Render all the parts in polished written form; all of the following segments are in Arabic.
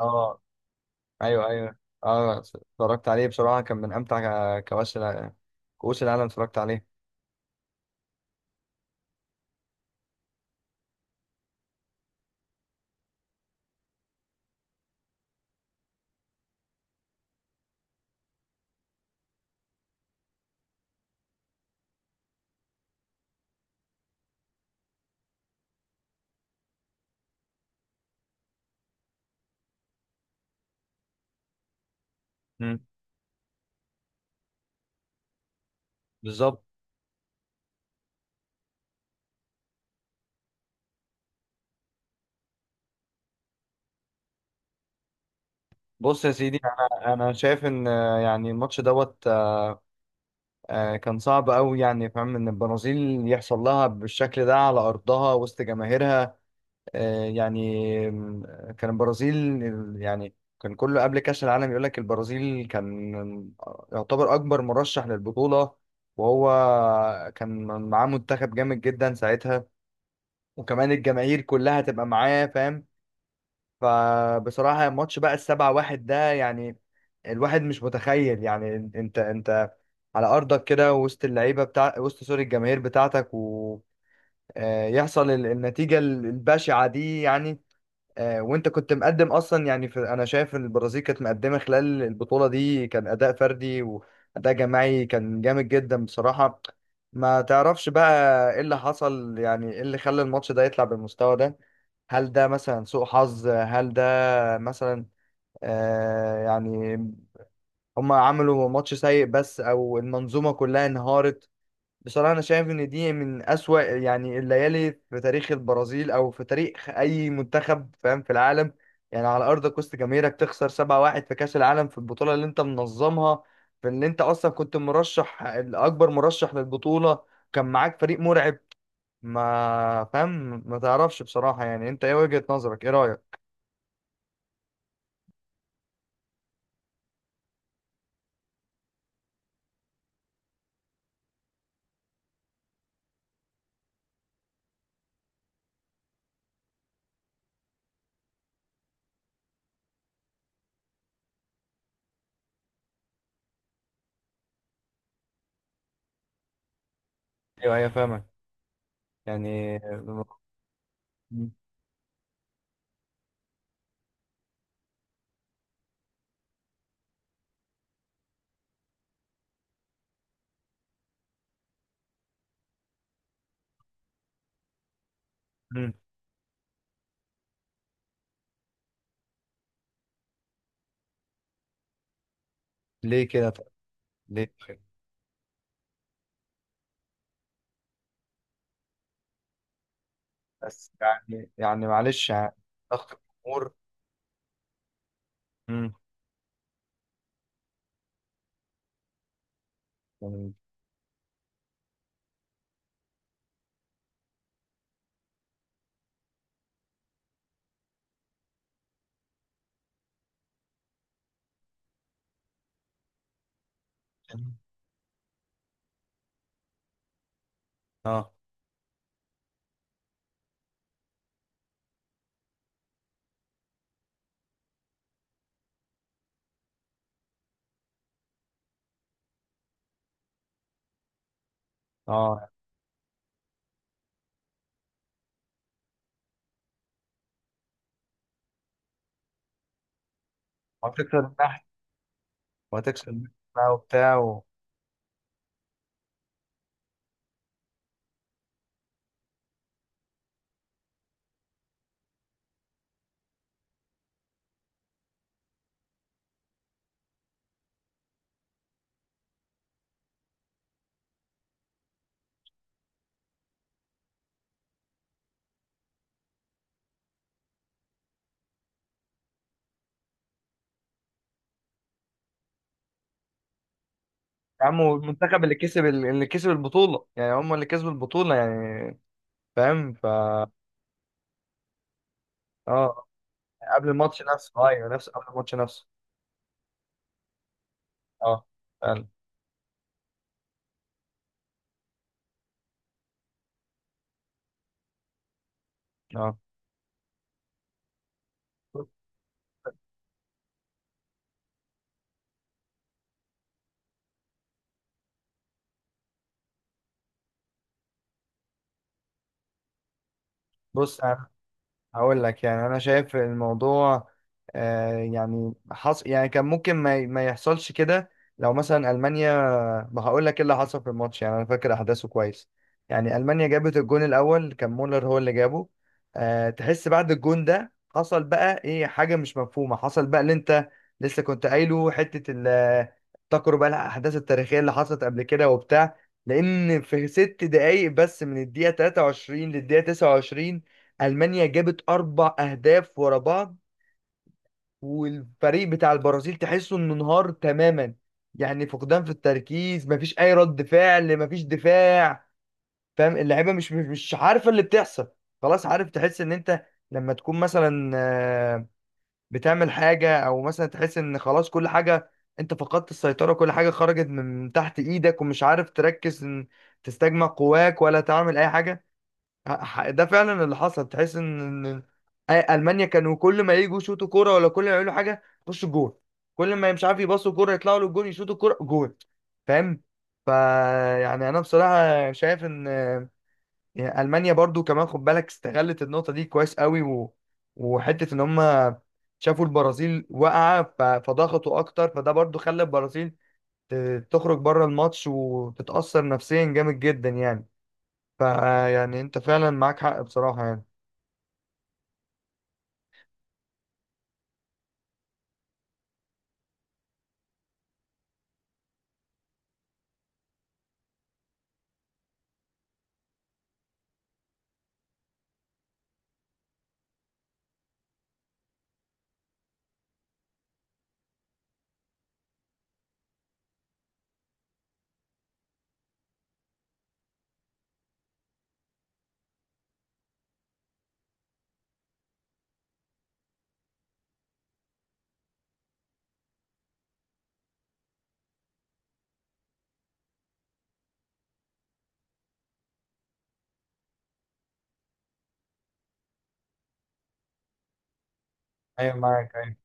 اه، ايوه، ايوه، اه، اتفرجت عليه بصراحه، كان من امتع كؤوس العالم. اتفرجت عليه. امم. بالظبط. بص يا سيدي، انا شايف ان يعني الماتش دوت آه، كان صعب قوي، يعني فاهم ان البرازيل يحصل لها بالشكل ده على ارضها وسط جماهيرها. آه، يعني آم، كان البرازيل، يعني كان كله قبل كاس العالم يقول لك البرازيل كان يعتبر اكبر مرشح للبطوله، وهو كان معاه منتخب جامد جدا ساعتها، وكمان الجماهير كلها تبقى معاه فاهم. فبصراحة الماتش بقى ال7-1 ده، يعني الواحد مش متخيل، يعني انت على ارضك كده وسط اللعيبة بتاع وسط سوري الجماهير بتاعتك، ويحصل النتيجة البشعة دي، يعني وانت كنت مقدم اصلا، يعني في انا شايف ان البرازيل كانت مقدمه خلال البطوله دي، كان اداء فردي واداء جماعي كان جامد جدا بصراحه. ما تعرفش بقى ايه اللي حصل، يعني ايه اللي خلى الماتش ده يطلع بالمستوى ده؟ هل ده مثلا سوء حظ، هل ده مثلا يعني هم عملوا ماتش سيء بس، او المنظومه كلها انهارت؟ بصراحة أنا شايف إن دي من أسوأ، يعني الليالي في تاريخ البرازيل أو في تاريخ أي منتخب فاهم في العالم. يعني على أرض كوست جماهيرك تخسر 7-1 في كأس العالم، في البطولة اللي أنت منظمها، في اللي أنت أصلا كنت الأكبر مرشح للبطولة، كان معاك فريق مرعب، ما فاهم، ما تعرفش بصراحة، يعني أنت إيه وجهة نظرك؟ إيه رأيك؟ أيوه، أيوه، فاهمك، يعني م- ليه كده طيب؟ ليه؟ بس يعني معلش، يعني ضغط الجمهور. مم. اه، اه، وهتكسر النحس وهتكسر النحس بقى وبتاع يا عم، والمنتخب اللي كسب البطولة، يعني هم اللي كسبوا البطولة يعني فاهم اه. قبل الماتش نفسه، ايوه، قبل الماتش نفسه. اه، فعلا. اه، بص انا هقول لك، يعني انا شايف الموضوع، يعني يعني كان ممكن ما, ما يحصلش كده لو مثلا المانيا. ما هقول لك ايه اللي حصل في الماتش، يعني انا فاكر احداثه كويس. يعني المانيا جابت الجون الاول، كان مولر هو اللي جابه. أه، تحس بعد الجون ده حصل بقى ايه، حاجه مش مفهومه حصل بقى، اللي انت لسه كنت قايله حته افتكروا بقى الاحداث التاريخيه اللي حصلت قبل كده وبتاع، لان في 6 دقايق بس من الدقيقه 23 للدقيقه 29 المانيا جابت اربع اهداف ورا بعض، والفريق بتاع البرازيل تحسه انه انهار تماما. يعني فقدان في التركيز، مفيش اي رد فعل، مفيش دفاع، فاهم. اللعيبه مش عارفه اللي بتحصل. خلاص عارف، تحس ان انت لما تكون مثلا بتعمل حاجه، او مثلا تحس ان خلاص كل حاجه، انت فقدت السيطره، كل حاجه خرجت من تحت ايدك، ومش عارف تركز ان تستجمع قواك ولا تعمل اي حاجه. ده فعلا اللي حصل، تحس إن المانيا كانوا كل ما يجوا يشوطوا كوره، ولا كل ما يعملوا حاجه يخشوا جون، كل ما مش عارف يباصوا كوره يطلعوا للجون يشوطوا كوره جون، فاهم. فا يعني انا بصراحه شايف ان، يعني المانيا برضو كمان خد بالك استغلت النقطه دي كويس قوي، وحته ان هم شافوا البرازيل واقعه، فضغطوا اكتر، فده برضو خلى البرازيل تخرج بره الماتش وتتاثر نفسيا جامد جدا، يعني فيعني انت فعلا معاك حق بصراحه يعني. ايوه، معاك، ايوه.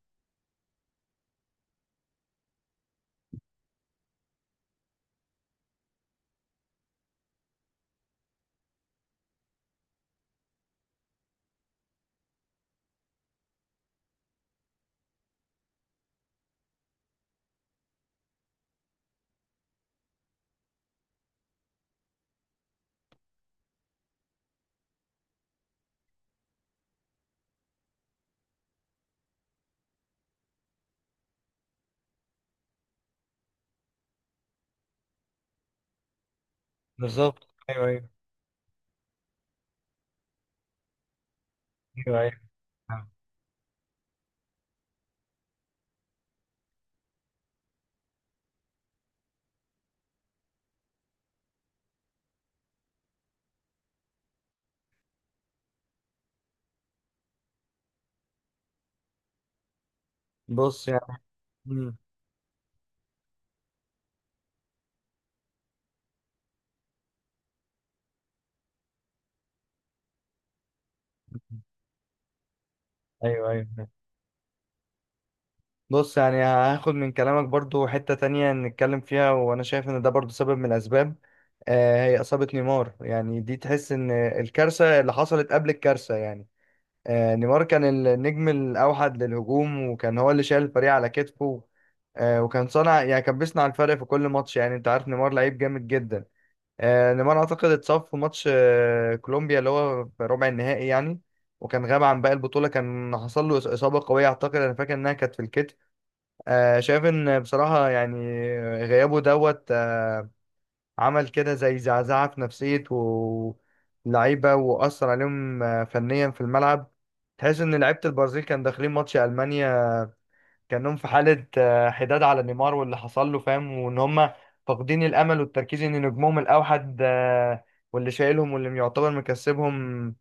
بالظبط، ايوه، ايوه، ايوه، ايوه. بص يعني. مم. ايوه، ايوه، أيوة. بص، يعني هاخد من كلامك برضو حتة تانية نتكلم فيها، وانا شايف ان ده برضو سبب من الاسباب. هي اصابة نيمار، يعني دي تحس ان الكارثة اللي حصلت قبل الكارثة يعني. نيمار كان النجم الاوحد للهجوم، وكان هو اللي شايل الفريق على كتفه. وكان يعني كان بيصنع الفرق في كل ماتش، يعني انت عارف نيمار لعيب جامد جدا. نيمار اعتقد اتصاب في ماتش كولومبيا اللي هو في ربع النهائي يعني. وكان غاب عن باقي البطوله، كان حصل له اصابه قويه، اعتقد انا فاكر انها كانت في الكتف. شايف ان بصراحه، يعني غيابه دوت آه، عمل كده زي زعزعه في نفسيه واللعيبه، واثر عليهم فنيا في الملعب. تحس ان لعيبه البرازيل كان داخلين ماتش المانيا كانهم في حالة حداد على نيمار واللي حصل له، فاهم، وان هم فاقدين الامل والتركيز ان نجمهم الاوحد واللي شايلهم واللي يعتبر مكسبهم،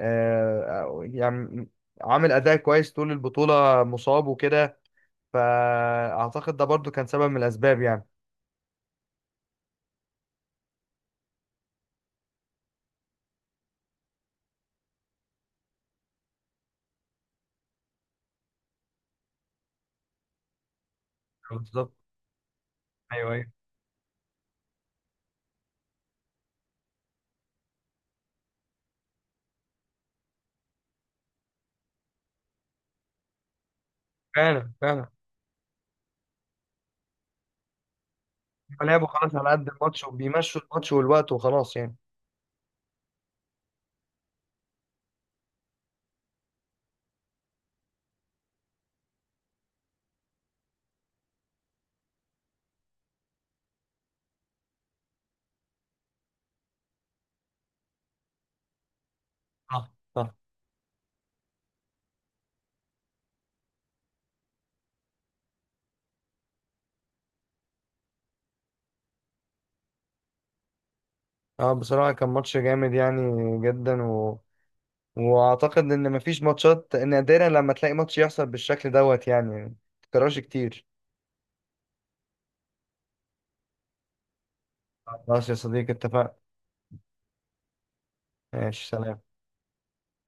آه، يعني عامل اداء كويس طول البطولة، مصاب وكده، فاعتقد ده برضو كان سبب من الاسباب يعني. بالظبط، ايوه، ايوه. فعلا، فعلا. هما لعبوا خلاص على قد الماتش وبيمشوا الماتش والوقت وخلاص يعني. صح، صح. اه، بصراحة كان ماتش جامد يعني، جدا. واعتقد ان مفيش ماتشات، ان نادرا لما تلاقي ماتش يحصل بالشكل يعني ما تكررش كتير. خلاص يا صديقي اتفقنا. ماشي، سلام.